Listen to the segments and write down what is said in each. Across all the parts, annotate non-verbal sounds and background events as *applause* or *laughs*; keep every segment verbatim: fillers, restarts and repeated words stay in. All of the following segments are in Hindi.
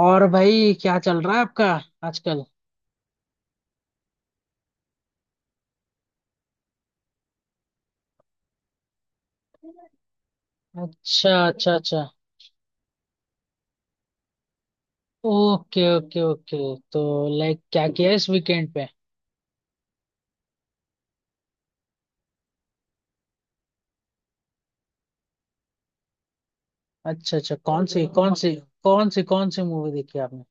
और भाई क्या चल रहा है आपका आजकल। अच्छा अच्छा अच्छा। Okay okay okay. तो लाइक क्या किया इस वीकेंड पे? अच्छा अच्छा, कौन सी कौन सी? कौन सी कौन सी मूवी देखी आपने?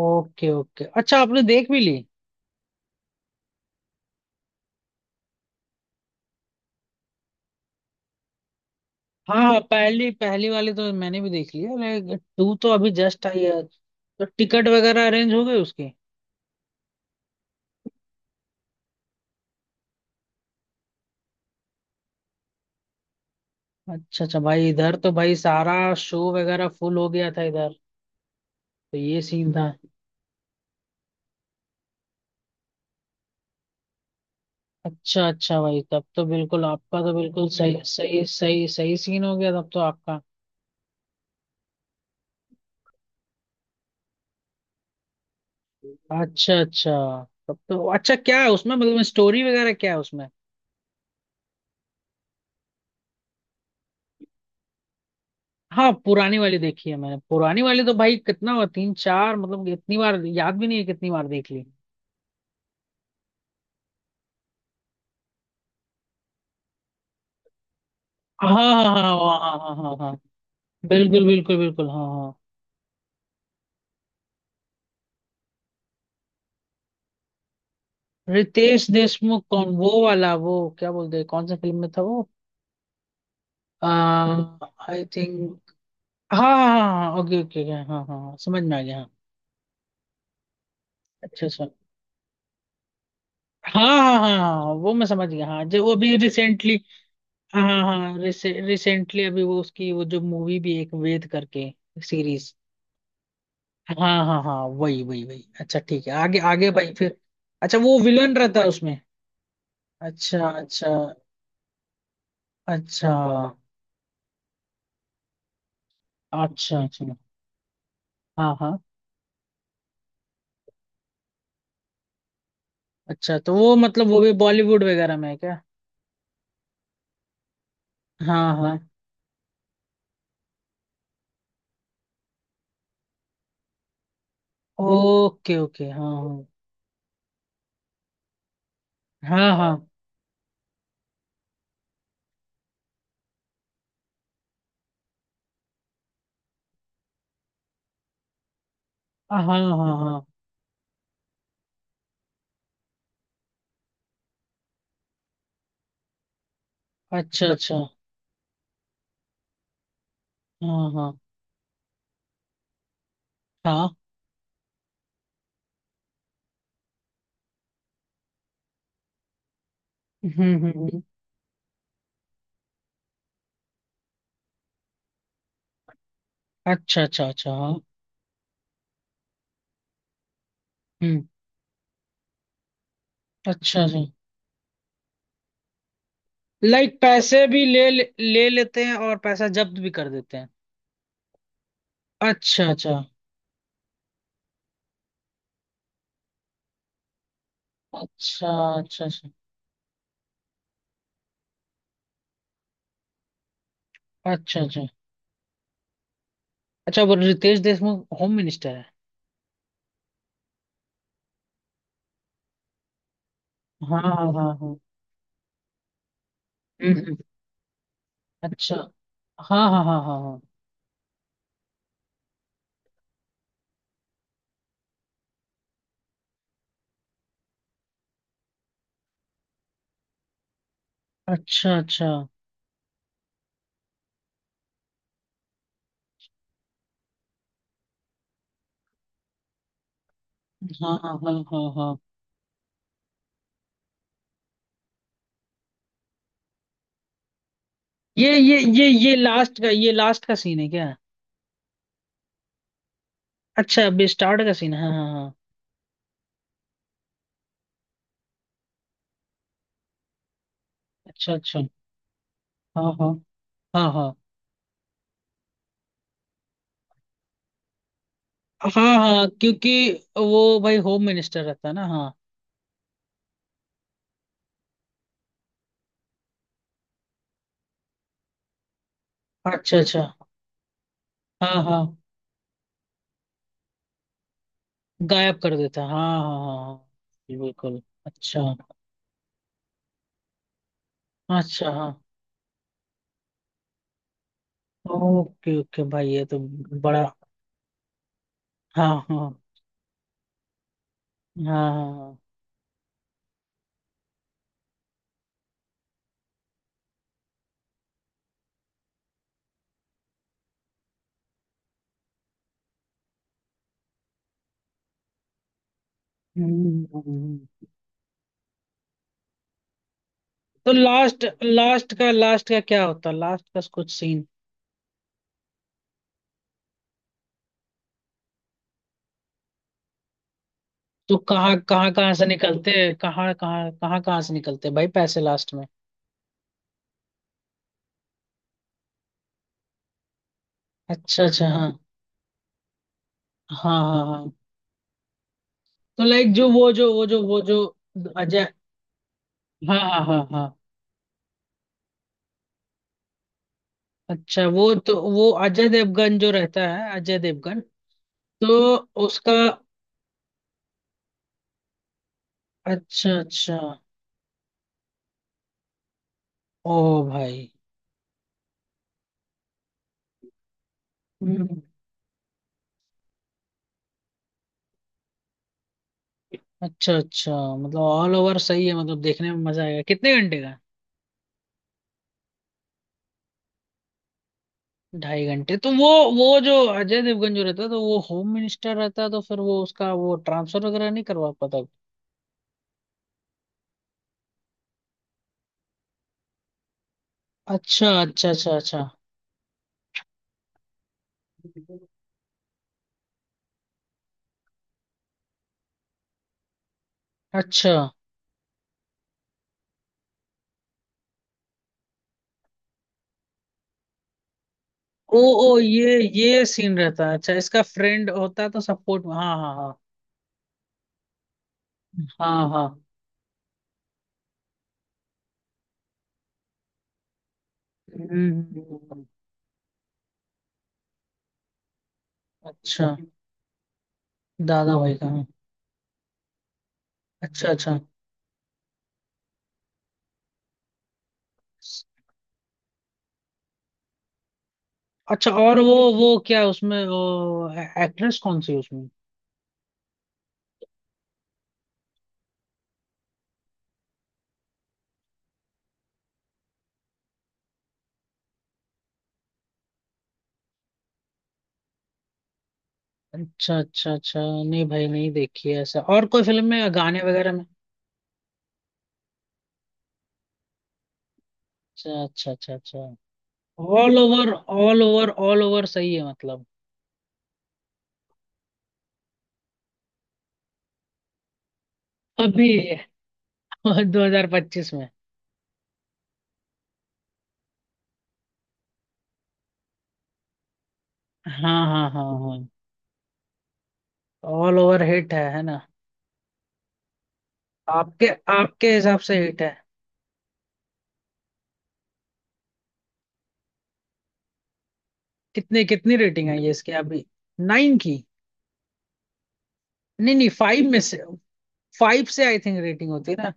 ओके ओके, अच्छा आपने देख भी ली? हाँ हाँ, पहली पहली वाली तो मैंने भी देख ली है, लाइक टू तो अभी जस्ट आई है। तो टिकट वगैरह अरेंज हो गई उसकी? अच्छा अच्छा, भाई इधर तो भाई सारा शो वगैरह फुल हो गया था इधर, तो ये सीन था। अच्छा अच्छा भाई, तब तो बिल्कुल आपका तो बिल्कुल सही सही सही सही सीन हो गया तब तो आपका। अच्छा अच्छा, तब तो अच्छा। क्या है उसमें, मतलब स्टोरी वगैरह क्या है उसमें? हाँ पुरानी वाली देखी है मैंने, पुरानी वाली तो भाई कितना हुआ तीन चार, मतलब इतनी बार याद भी नहीं है कितनी बार देख ली। हाँ हाँ हाँ हाँ हाँ हाँ हाँ हाँ हाँ। बिल्कुल बिल्कुल बिल्कुल, हाँ हाँ। रितेश देशमुख कौन? वो वाला, वो क्या बोलते हैं, कौन सा फिल्म में था वो? I think. हाँ हाँ हाँ, ओके ओके, हाँ okay, okay, okay, हाँ हाँ हाँ, समझ में आ गया, हाँ। अच्छा अच्छा। हाँ हाँ हाँ हाँ, हाँ, वो मैं समझ गया हाँ, जो वो अभी रिसेंटली। हाँ हाँ हाँ। रिसेंटली अभी वो उसकी वो जो मूवी भी एक वेद करके सीरीज। हाँ हाँ हाँ, वही वही वही, अच्छा ठीक है, आगे आगे भाई फिर। अच्छा, वो विलन रहता है उसमें? अच्छा अच्छा। अच्छा अच्छा। अच्छा, हाँ हाँ। अच्छा तो वो, मतलब वो भी बॉलीवुड वगैरह में है क्या? हाँ हाँ, ओके ओके, हाँ हाँ हाँ हाँ हाँ हाँ हाँ हाँ। अच्छा अच्छा। हाँ हाँ हाँ, हम्म हम्म हम्म। अच्छा अच्छा अच्छा हाँ। हम्म। अच्छा जी। लाइक पैसे भी ले ले लेते हैं और पैसा जब्त भी कर देते हैं? अच्छा अच्छा। अच्छा अच्छा। अच्छा अच्छा अच्छा अच्छा, वो रितेश देशमुख होम मिनिस्टर है? हाँ हाँ हाँ हाँ। हम्म हम्म। अच्छा। हाँ हाँ हाँ हाँ हाँ। अच्छा अच्छा। हाँ हाँ हाँ हाँ हाँ। ये ये ये ये लास्ट का ये लास्ट का सीन है क्या? अच्छा अभी स्टार्ट का सीन है, हाँ हाँ हाँ। अच्छा अच्छा। हाँ हाँ हाँ हाँ हाँ। हाँ क्योंकि वो भाई होम मिनिस्टर रहता है ना, हाँ। अच्छा अच्छा। हाँ हाँ, गायब कर देता है, हाँ हाँ हाँ हाँ, जी, बिल्कुल, अच्छा। अच्छा हाँ। ओके ओके भाई, ये तो बड़ा। हाँ हाँ हाँ हाँ हाँ, हम्म, हम्म। तो लास्ट लास्ट का लास्ट का क्या होता है? लास्ट का कुछ सीन? तो कहाँ कहाँ कहाँ से निकलते हैं? कहाँ कहाँ कहाँ कहाँ से निकलते हैं भाई पैसे लास्ट में? अच्छा अच्छा, हाँ हाँ। हाँ हाँ तो लाइक जो वो जो वो जो वो जो अजय। हाँ हाँ हाँ हाँ। अच्छा, वो तो वो अजय देवगन जो रहता है, अजय देवगन। तो उसका। अच्छा अच्छा। ओ भाई। हम्म। अच्छा अच्छा, मतलब ऑल ओवर सही है मतलब? देखने में मजा आएगा? कितने घंटे का? ढाई घंटे। तो वो वो जो अजय देवगन जो रहता है तो वो होम मिनिस्टर रहता है, तो फिर वो उसका वो ट्रांसफर वगैरह नहीं करवा पाता? अच्छा अच्छा अच्छा अच्छा। अच्छा। ओ ओ, ये ये सीन रहता है? अच्छा इसका फ्रेंड होता है तो सपोर्ट, हाँ हाँ हाँ। हाँ हाँ। हम्म, अच्छा। दादा भाई का, हाँ। अच्छा अच्छा। अच्छा, और वो वो क्या उसमें वो एक्ट्रेस कौन सी है उसमें? अच्छा अच्छा अच्छा, नहीं भाई नहीं देखी है ऐसा। और कोई फिल्म में गाने वगैरह में? अच्छा अच्छा अच्छा अच्छा। All over all over all over सही है मतलब? अभी *laughs* दो हज़ार पच्चीस में। हाँ हाँ हाँ हाँ। ऑल ओवर हिट है है ना? आपके आपके हिसाब से हिट है? कितने कितनी रेटिंग आई है इसकी अभी? नाइन की? नहीं नहीं, फाइव में से? फाइव से आई थिंक रेटिंग होती है ना?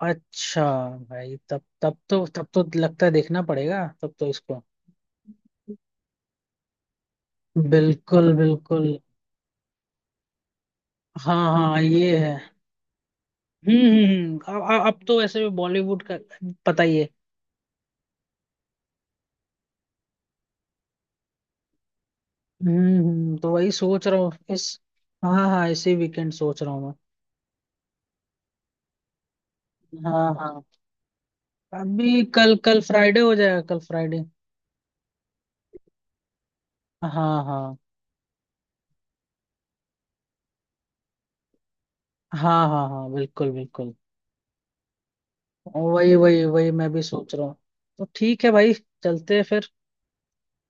अच्छा। भाई तब तब तो तब तो लगता है देखना पड़ेगा तब तो इसको। बिल्कुल बिल्कुल। हाँ हाँ ये है। हम्म हम्म हम्म, अब अब अब तो वैसे भी बॉलीवुड का पता ही है। हम्म हम्म, तो वही सोच रहा हूँ इस। हाँ हाँ इसी वीकेंड सोच रहा हूँ। मैं हाँ हाँ। अभी कल कल फ्राइडे हो जाएगा, कल फ्राइडे। हाँ हाँ हाँ हाँ हाँ बिल्कुल बिल्कुल। वही वही वही, मैं भी सोच रहा हूँ। तो ठीक है भाई, चलते हैं फिर,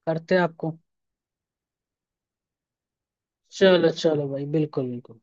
करते हैं आपको। चलो चलो भाई, बिल्कुल बिल्कुल।